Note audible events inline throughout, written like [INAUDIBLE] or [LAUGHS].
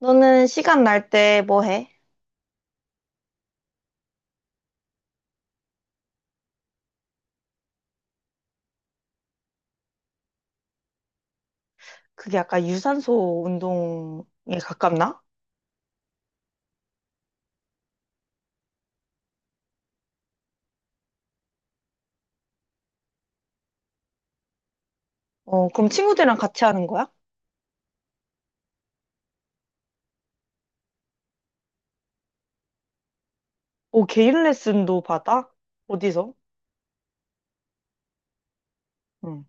너는 시간 날 때 뭐 해? 그게 약간 유산소 운동에 가깝나? 어, 그럼 친구들이랑 같이 하는 거야? 오, 개인 레슨도 받아? 어디서? 응.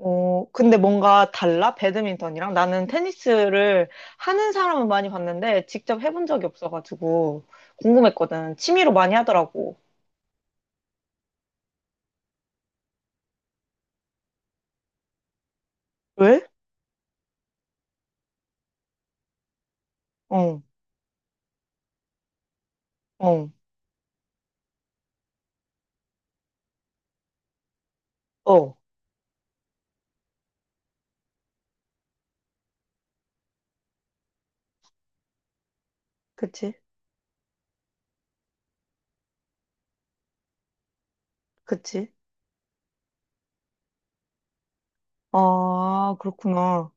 어, 근데 뭔가 달라? 배드민턴이랑? 나는 테니스를 하는 사람은 많이 봤는데 직접 해본 적이 없어가지고 궁금했거든. 취미로 많이 하더라고. 왜? 어, 어, 어. 그치? 그치? 아, 그렇구나.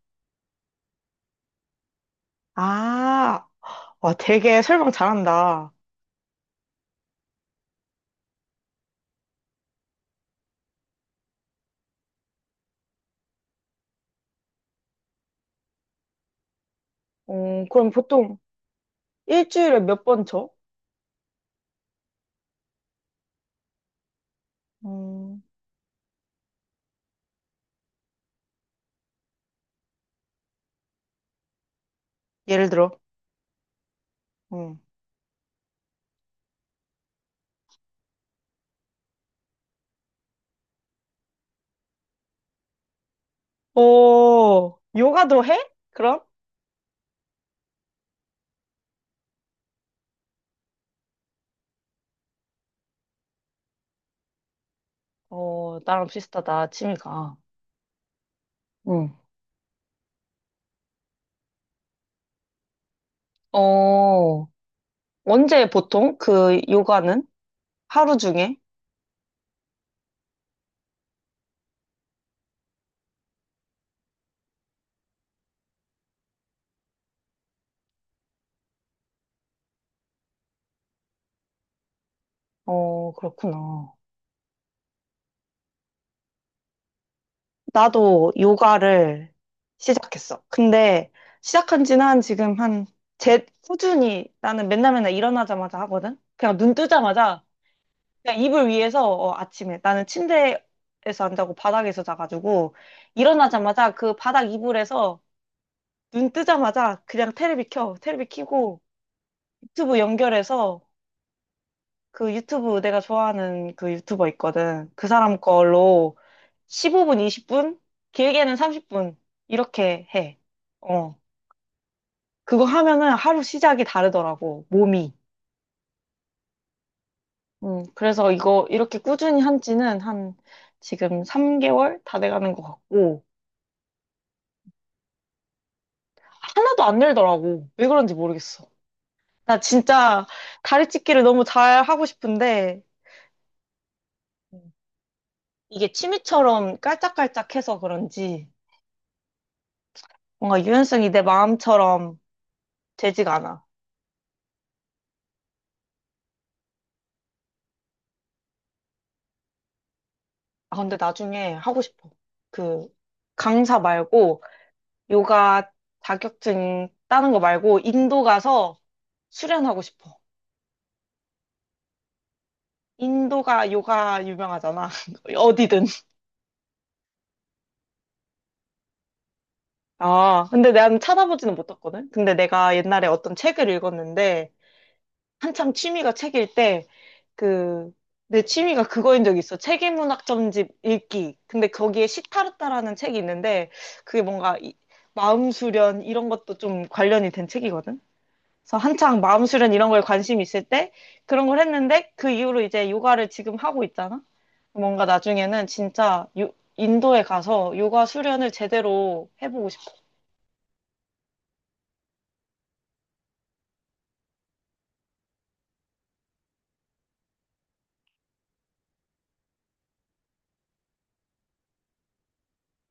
아, 와, 되게 설명 잘한다. 어, 그럼 보통 일주일에 몇 번 쳐? 음, 예를 들어. 음. 오, 요가도 해? 그럼? 어, 나랑 비슷하다, 취미가. 응. 어, 언제 보통 그 요가는? 하루 중에? 어, 그렇구나. 나도 요가를 시작했어. 근데 시작한 지는 한 지금 한, 제, 꾸준히 나는 맨날 맨날 일어나자마자 하거든? 그냥 눈 뜨자마자 그냥 이불 위에서 어, 아침에 나는 침대에서 안 자고 바닥에서 자가지고 일어나자마자 그 바닥 이불에서 눈 뜨자마자 그냥 테레비 켜 테레비 켜고 유튜브 연결해서 그 유튜브 내가 좋아하는 그 유튜버 있거든 그 사람 걸로 15분 20분 길게는 30분 이렇게 해. 어, 그거 하면은 하루 시작이 다르더라고, 몸이. 음, 그래서 이거 이렇게 꾸준히 한 지는 한 지금 3개월 다 돼가는 것 같고. 하나도 안 늘더라고. 왜 그런지 모르겠어. 나 진짜 다리 찢기를 너무 잘 하고 싶은데 이게 취미처럼 깔짝깔짝해서 그런지 뭔가 유연성이 내 마음처럼 되지가 않아. 아, 근데 나중에 하고 싶어. 그 강사 말고 요가 자격증 따는 거 말고 인도 가서 수련하고 싶어. 인도가 요가 유명하잖아. [LAUGHS] 어디든. 아, 근데 난 찾아보지는 못했거든. 근데 내가 옛날에 어떤 책을 읽었는데 한참 취미가 책일 때, 그, 내 취미가 그거인 적이 있어. 세계문학점집 읽기. 근데 거기에 시타르타라는 책이 있는데, 그게 뭔가 마음 수련 이런 것도 좀 관련이 된 책이거든. 그래서 한창 마음 수련 이런 거에 관심 있을 때 그런 걸 했는데, 그 이후로 이제 요가를 지금 하고 있잖아. 뭔가 나중에는 진짜 인도에 가서 요가 수련을 제대로 해보고 싶어.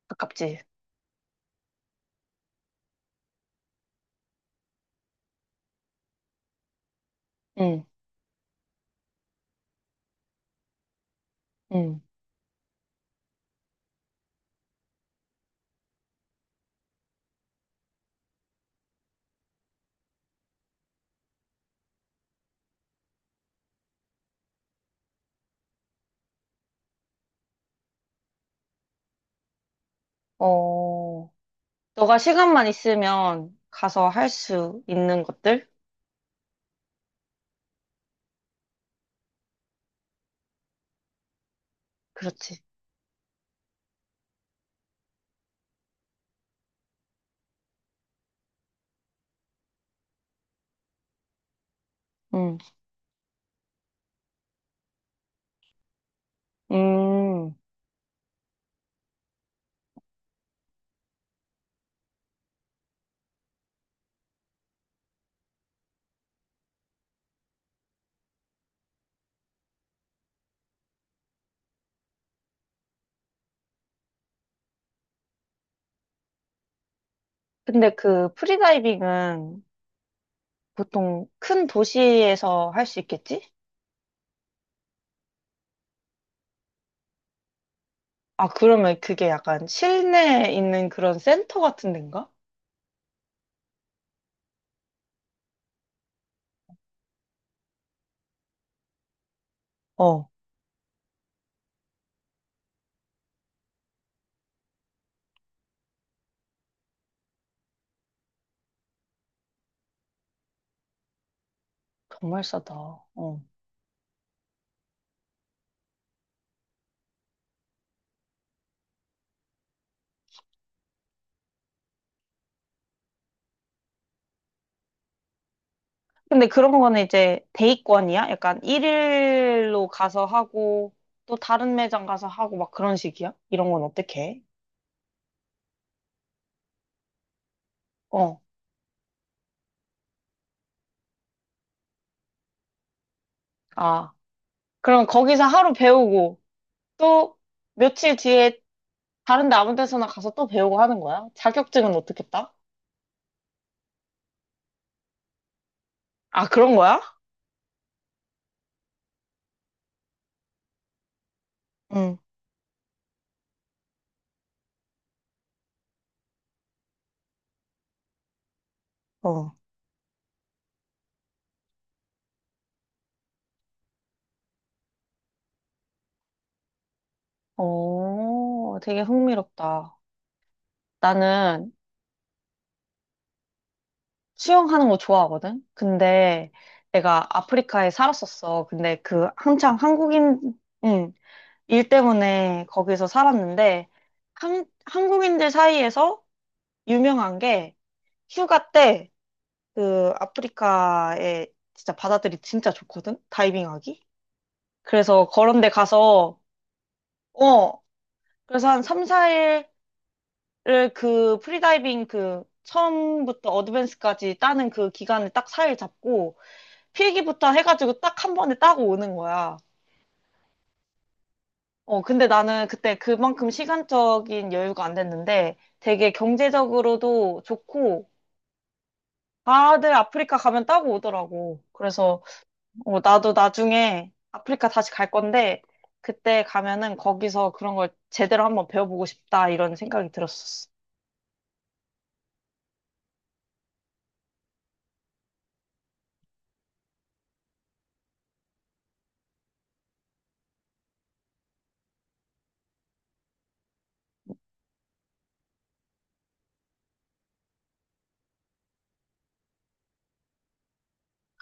가깝지? 응, 응. 어, 너가 시간만 있으면 가서 할 수 있는 것들? 그렇지. 음. 음. 근데 그 프리다이빙은 보통 큰 도시에서 할 수 있겠지? 아, 그러면 그게 약간 실내에 있는 그런 센터 같은 데인가? 어, 정말 싸다. 어. 근데 그런 거는 이제 데이권이야? 약간 일일로 가서 하고 또 다른 매장 가서 하고 막 그런 식이야? 이런 건 어떻게 해? 어. 아, 그럼 거기서 하루 배우고 또 며칠 뒤에 다른 데 아무 데서나 가서 또 배우고 하는 거야? 자격증은 어떻게 따? 아, 그런 거야? 응, 어. 오, 되게 흥미롭다. 나는 수영하는 거 좋아하거든? 근데 내가 아프리카에 살았었어. 근데 그 한창 한국인, 응, 일 때문에 거기서 살았는데, 한국인들 사이에서 유명한 게 휴가 때 그 아프리카에 진짜 바다들이 진짜 좋거든? 다이빙하기? 그래서 그런데 가서, 어, 그래서 한 3, 4일을 그 프리다이빙 그 처음부터 어드밴스까지 따는 그 기간을 딱 4일 잡고 필기부터 해가지고 딱 한 번에 따고 오는 거야. 어, 근데 나는 그때 그만큼 시간적인 여유가 안 됐는데 되게 경제적으로도 좋고 다들 아프리카 가면 따고 오더라고. 그래서 어, 나도 나중에 아프리카 다시 갈 건데, 그때 가면은 거기서 그런 걸 제대로 한번 배워보고 싶다, 이런 생각이 들었었어.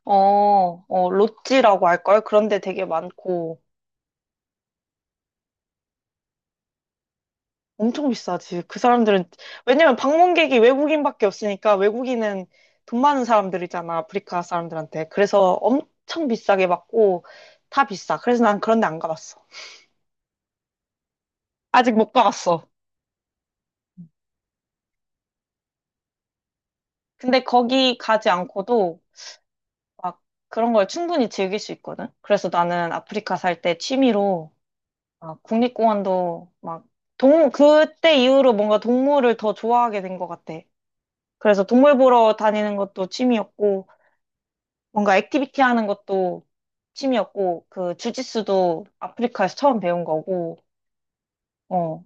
어, 어, 로찌라고 할걸? 그런데 되게 많고, 엄청 비싸지. 그 사람들은, 왜냐면 방문객이 외국인밖에 없으니까, 외국인은 돈 많은 사람들이잖아, 아프리카 사람들한테. 그래서 엄청 비싸게 받고, 다 비싸. 그래서 난 그런 데 안 가봤어. 아직 못 가봤어. 근데 거기 가지 않고도, 막 그런 걸 충분히 즐길 수 있거든. 그래서 나는 아프리카 살 때 취미로 막 국립공원도 막 그때 이후로 뭔가 동물을 더 좋아하게 된 것 같아. 그래서 동물 보러 다니는 것도 취미였고, 뭔가 액티비티 하는 것도 취미였고, 그 주짓수도 아프리카에서 처음 배운 거고, 어,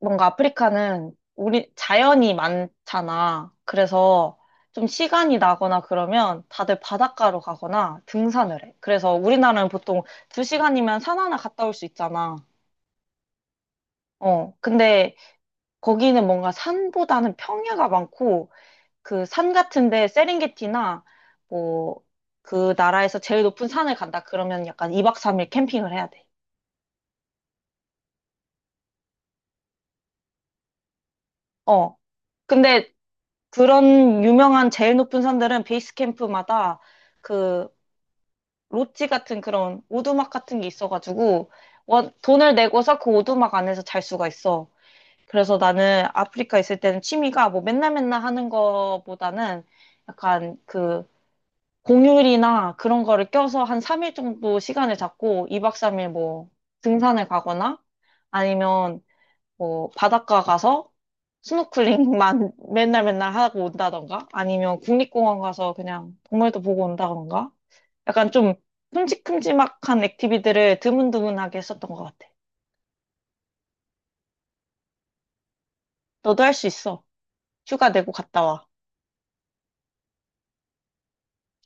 뭔가 아프리카는 우리 자연이 많잖아. 그래서 좀 시간이 나거나 그러면 다들 바닷가로 가거나 등산을 해. 그래서 우리나라는 보통 두 시간이면 산 하나 갔다 올 수 있잖아. 어, 근데 거기는 뭔가 산보다는 평야가 많고 그 산 같은데 세렝게티나 뭐 그 나라에서 제일 높은 산을 간다 그러면 약간 2박 3일 캠핑을 해야 돼. 어, 근데 그런 유명한 제일 높은 산들은 베이스 캠프마다 그 롯지 같은 그런 오두막 같은 게 있어가지고 돈을 내고서 그 오두막 안에서 잘 수가 있어. 그래서 나는 아프리카 있을 때는 취미가 뭐 맨날 맨날 하는 거보다는 약간 그 공휴일이나 그런 거를 껴서 한 3일 정도 시간을 잡고 2박 3일 뭐 등산을 가거나 아니면 뭐 바닷가 가서 스노클링만 [LAUGHS] 맨날 맨날 하고 온다던가 아니면 국립공원 가서 그냥 동물도 보고 온다던가 약간 좀 큼직큼직한 액티비티를 드문드문하게 했었던 것 같아. 너도 할 수 있어. 휴가 내고 갔다 와.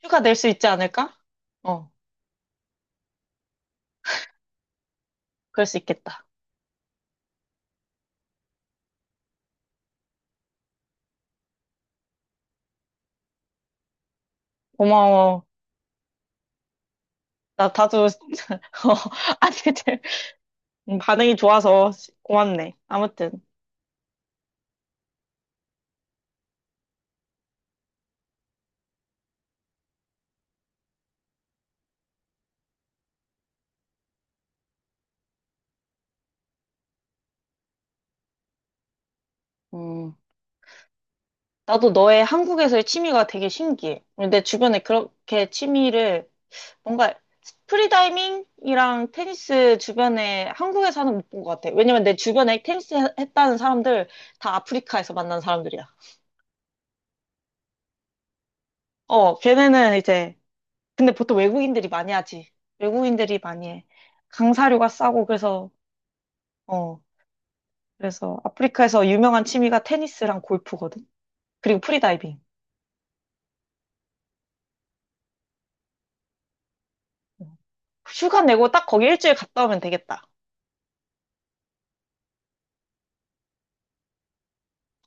휴가 낼 수 있지 않을까? 어, 그럴 수 있겠다. 고마워. 나 다도 [LAUGHS] 어, 아니 근데 반응이 좋아서 고맙네. 아무튼 음. 나도 너의 한국에서의 취미가 되게 신기해. 내 주변에 그렇게 취미를 뭔가 프리다이밍이랑 테니스 주변에 한국에서 하는 못 본 것 같아. 왜냐면 내 주변에 했다는 사람들 다 아프리카에서 만난 사람들이야. 어, 걔네는 이제 근데 보통 외국인들이 많이 하지. 외국인들이 많이 해. 강사료가 싸고 그래서 어, 그래서 아프리카에서 유명한 취미가 테니스랑 골프거든. 그리고 프리다이빙. 어. 휴가 내고 딱 거기 일주일 갔다 오면 되겠다.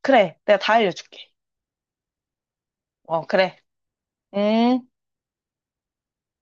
그래, 내가 다 알려줄게. 어, 그래. 음.